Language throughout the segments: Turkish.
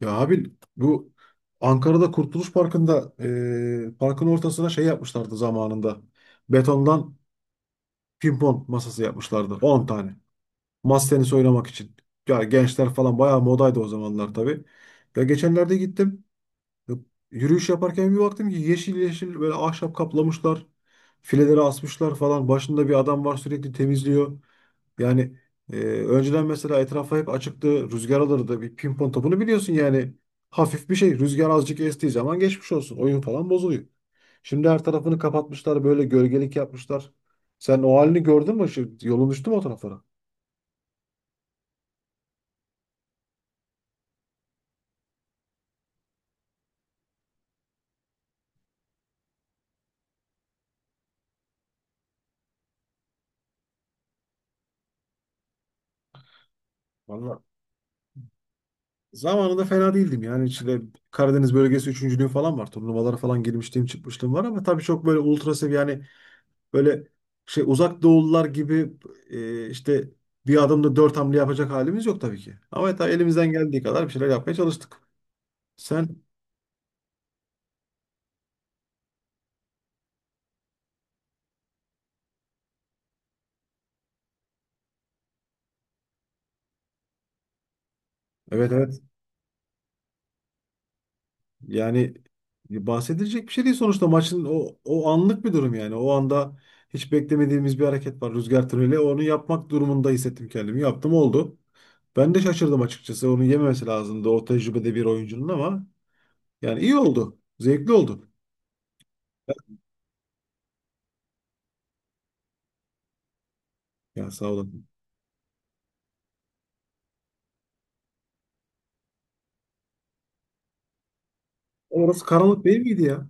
Ya abi bu Ankara'da Kurtuluş Parkı'nda parkın ortasına şey yapmışlardı zamanında. Betondan pimpon masası yapmışlardı. 10 tane. Masa tenisi oynamak için. Ya gençler falan bayağı modaydı o zamanlar tabii. Ya geçenlerde gittim. Yürüyüş yaparken bir baktım ki yeşil yeşil böyle ahşap kaplamışlar. Fileleri asmışlar falan. Başında bir adam var, sürekli temizliyor. Yani önceden mesela etrafa hep açıktı. Rüzgar alırdı. Bir pimpon topunu biliyorsun yani. Hafif bir şey. Rüzgar azıcık estiği zaman geçmiş olsun. Oyun falan bozuluyor. Şimdi her tarafını kapatmışlar. Böyle gölgelik yapmışlar. Sen o halini gördün mü? Şu, yolun düştü mü o taraflara? Valla zamanında fena değildim yani, içinde Karadeniz bölgesi üçüncülüğü falan var. Turnuvalara falan girmişliğim çıkmışlığım var, ama tabii çok böyle ultra seviye yani, böyle şey, uzak doğullar gibi, işte bir adımda dört hamle yapacak halimiz yok tabii ki. Ama tabii elimizden geldiği kadar bir şeyler yapmaya çalıştık. Sen evet, evet. Yani bahsedilecek bir şey değil sonuçta, maçın o anlık bir durum yani. O anda hiç beklemediğimiz bir hareket var, rüzgar tüneli. Onu yapmak durumunda hissettim kendimi. Yaptım, oldu. Ben de şaşırdım açıkçası. Onu yememesi lazımdı o tecrübede bir oyuncunun, ama yani iyi oldu. Zevkli oldu. Ya sağ olun. Orası karanlık değil miydi ya?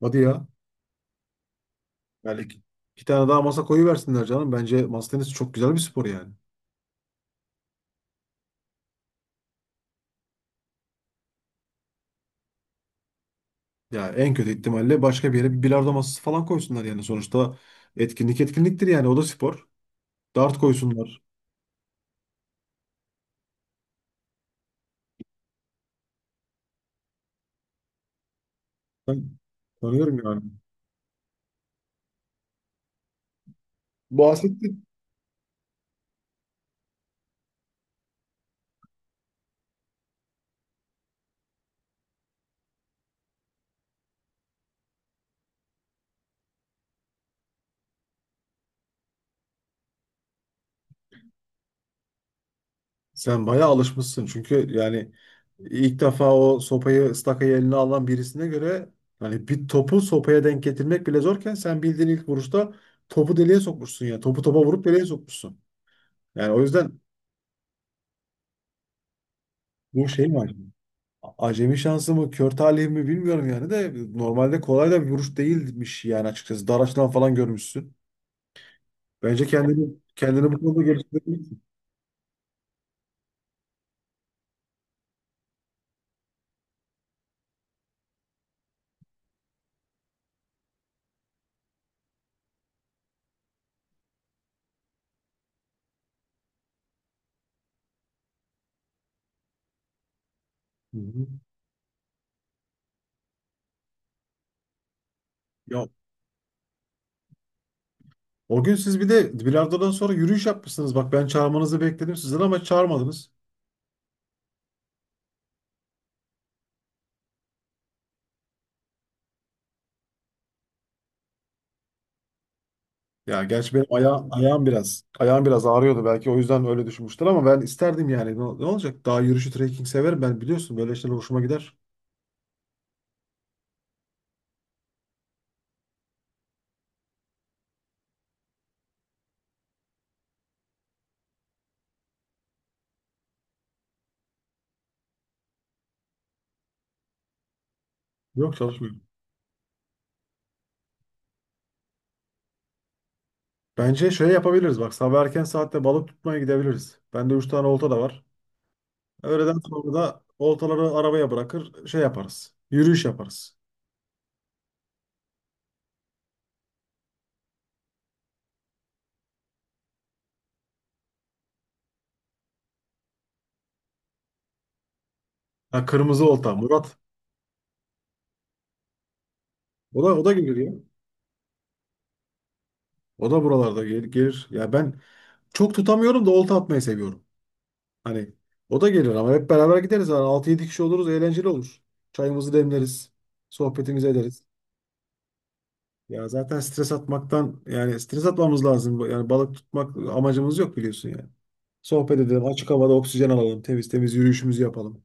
Hadi ya. Yani iki tane daha masa koyuversinler canım. Bence masa tenisi çok güzel bir spor yani. Ya en kötü ihtimalle başka bir yere bir bilardo masası falan koysunlar yani. Sonuçta etkinlik etkinliktir yani. O da spor. Dart koysunlar. Ben tanıyorum yani. Bahsetti. Sen bayağı alışmışsın. Çünkü yani ilk defa o sopayı, stakayı eline alan birisine göre, hani bir topu sopaya denk getirmek bile zorken sen bildiğin ilk vuruşta topu deliğe sokmuşsun ya. Topu topa vurup deliğe sokmuşsun. Yani o yüzden bu şey mi acaba? Acemi şansı mı, kör talih mi bilmiyorum yani, de normalde kolay da bir vuruş değilmiş yani açıkçası. Dar açıdan falan görmüşsün. Bence kendini bu konuda geliştirebilirsin. Hı hı. Ya, O gün siz bir de bilardodan sonra yürüyüş yapmışsınız. Bak ben çağırmanızı bekledim sizden, ama çağırmadınız. Ya gerçi benim ayağım biraz ağrıyordu, belki o yüzden öyle düşünmüştür ama ben isterdim yani. Ne olacak? Daha yürüyüşü, trekking severim ben, biliyorsun böyle şeyler hoşuma gider. Yok, çalışmıyorum. Bence şöyle yapabiliriz bak, sabah erken saatte balık tutmaya gidebiliriz. Bende 3 tane olta da var. Öğleden sonra da oltaları arabaya bırakır, şey yaparız. Yürüyüş yaparız. Ha, kırmızı olta Murat. O da gelir ya. O da buralarda gelir, gelir. Ya ben çok tutamıyorum da, olta atmayı seviyorum. Hani o da gelir, ama hep beraber gideriz. Yani altı yedi kişi oluruz, eğlenceli olur. Çayımızı demleriz. Sohbetimizi ederiz. Ya zaten stres atmaktan, yani stres atmamız lazım. Yani balık tutmak amacımız yok, biliyorsun yani. Sohbet edelim, açık havada oksijen alalım, temiz temiz yürüyüşümüzü yapalım.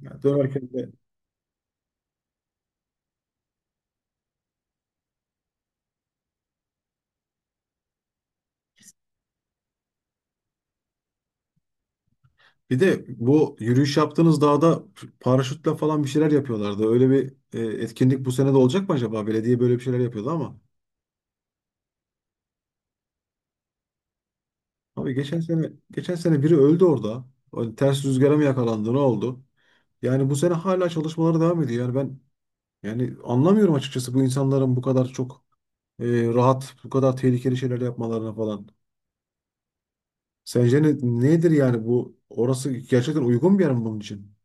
Yani dönerken de, bir de bu yürüyüş yaptığınız dağda paraşütle falan bir şeyler yapıyorlardı. Öyle bir etkinlik bu sene de olacak mı acaba? Belediye böyle bir şeyler yapıyordu ama. Abi geçen sene biri öldü orada. O ters rüzgara mı yakalandı, ne oldu? Yani bu sene hala çalışmaları devam ediyor. Yani ben yani anlamıyorum açıkçası, bu insanların bu kadar çok e, rahat, bu kadar tehlikeli şeyler yapmalarına falan. Sence nedir yani bu? Orası gerçekten uygun bir yer mi bunun için?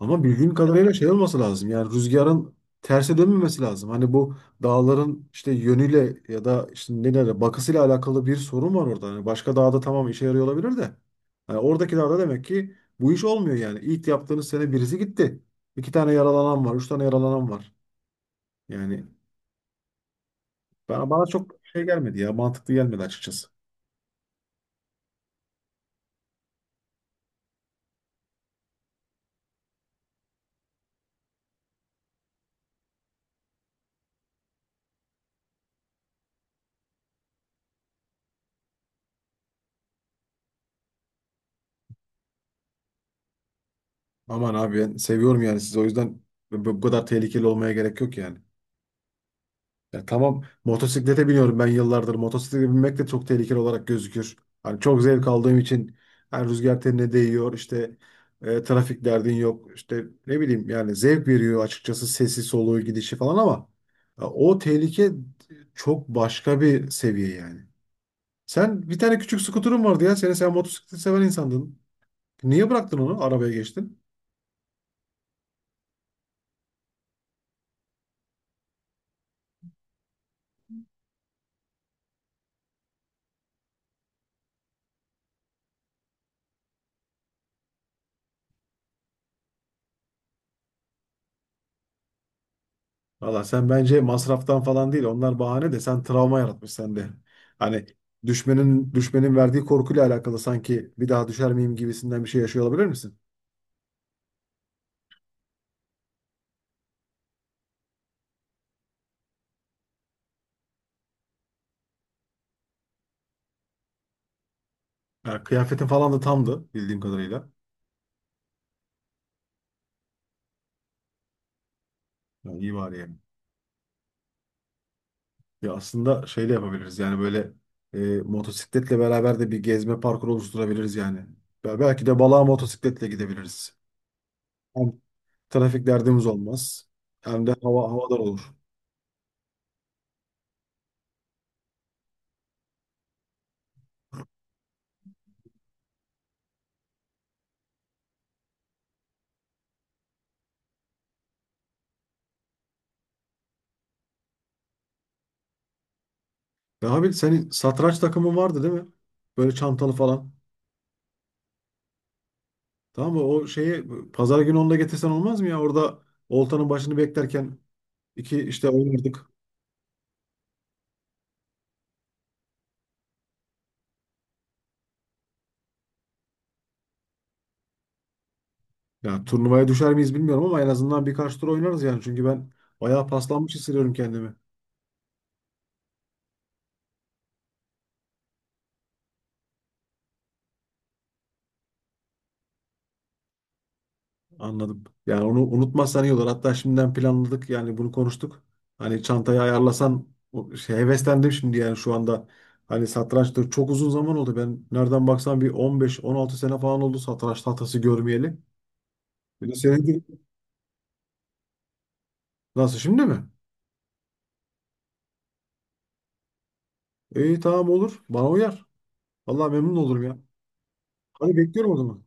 Ama bildiğim kadarıyla şey olması lazım. Yani rüzgarın terse dönmemesi lazım. Hani bu dağların işte yönüyle, ya da işte nelerle bakısıyla alakalı bir sorun var orada. Hani başka dağda tamam işe yarıyor olabilir de. Yani oradaki dağda demek ki bu iş olmuyor yani. İlk yaptığınız sene birisi gitti. İki tane yaralanan var, üç tane yaralanan var. Yani bana çok şey gelmedi ya, mantıklı gelmedi açıkçası. Aman abi, ben seviyorum yani sizi, o yüzden bu kadar tehlikeli olmaya gerek yok yani. Ya tamam, motosiklete biniyorum ben yıllardır. Motosiklete binmek de çok tehlikeli olarak gözükür. Hani çok zevk aldığım için yani, rüzgar tenine değiyor işte, trafik derdin yok, işte ne bileyim yani, zevk veriyor açıkçası, sesi soluğu gidişi falan, ama o tehlike çok başka bir seviye yani. Sen bir tane küçük skuterun vardı ya senin, sen motosikleti seven insandın. Niye bıraktın onu, arabaya geçtin? Valla sen bence masraftan falan değil. Onlar bahane, de sen travma yaratmış sende. Hani düşmenin verdiği korkuyla alakalı, sanki bir daha düşer miyim gibisinden bir şey yaşıyor olabilir misin? Ya, kıyafetin falan da tamdı bildiğim kadarıyla. Yani iyi bari yani. Ya aslında şey de yapabiliriz yani, böyle e, motosikletle beraber de bir gezme parkuru oluşturabiliriz yani. Belki de balığa motosikletle gidebiliriz. Hem trafik derdimiz olmaz, hem de hava havadar olur. Ya abi, senin satranç takımın vardı değil mi? Böyle çantalı falan. Tamam mı? O şeyi pazar günü onu da getirsen olmaz mı ya? Orada oltanın başını beklerken iki işte oynardık. Ya turnuvaya düşer miyiz bilmiyorum, ama en azından birkaç tur oynarız yani. Çünkü ben bayağı paslanmış hissediyorum kendimi. Anladım. Yani onu unutmazsan iyi olur. Hatta şimdiden planladık yani, bunu konuştuk. Hani çantayı ayarlasan o şey, heveslendim şimdi yani şu anda. Hani satrançta çok uzun zaman oldu. Ben nereden baksan bir 15-16 sene falan oldu satranç tahtası görmeyeli. Bir de senin nasıl, şimdi mi? İyi, tamam, olur. Bana uyar. Vallahi memnun olurum ya. Hadi, bekliyorum o zaman.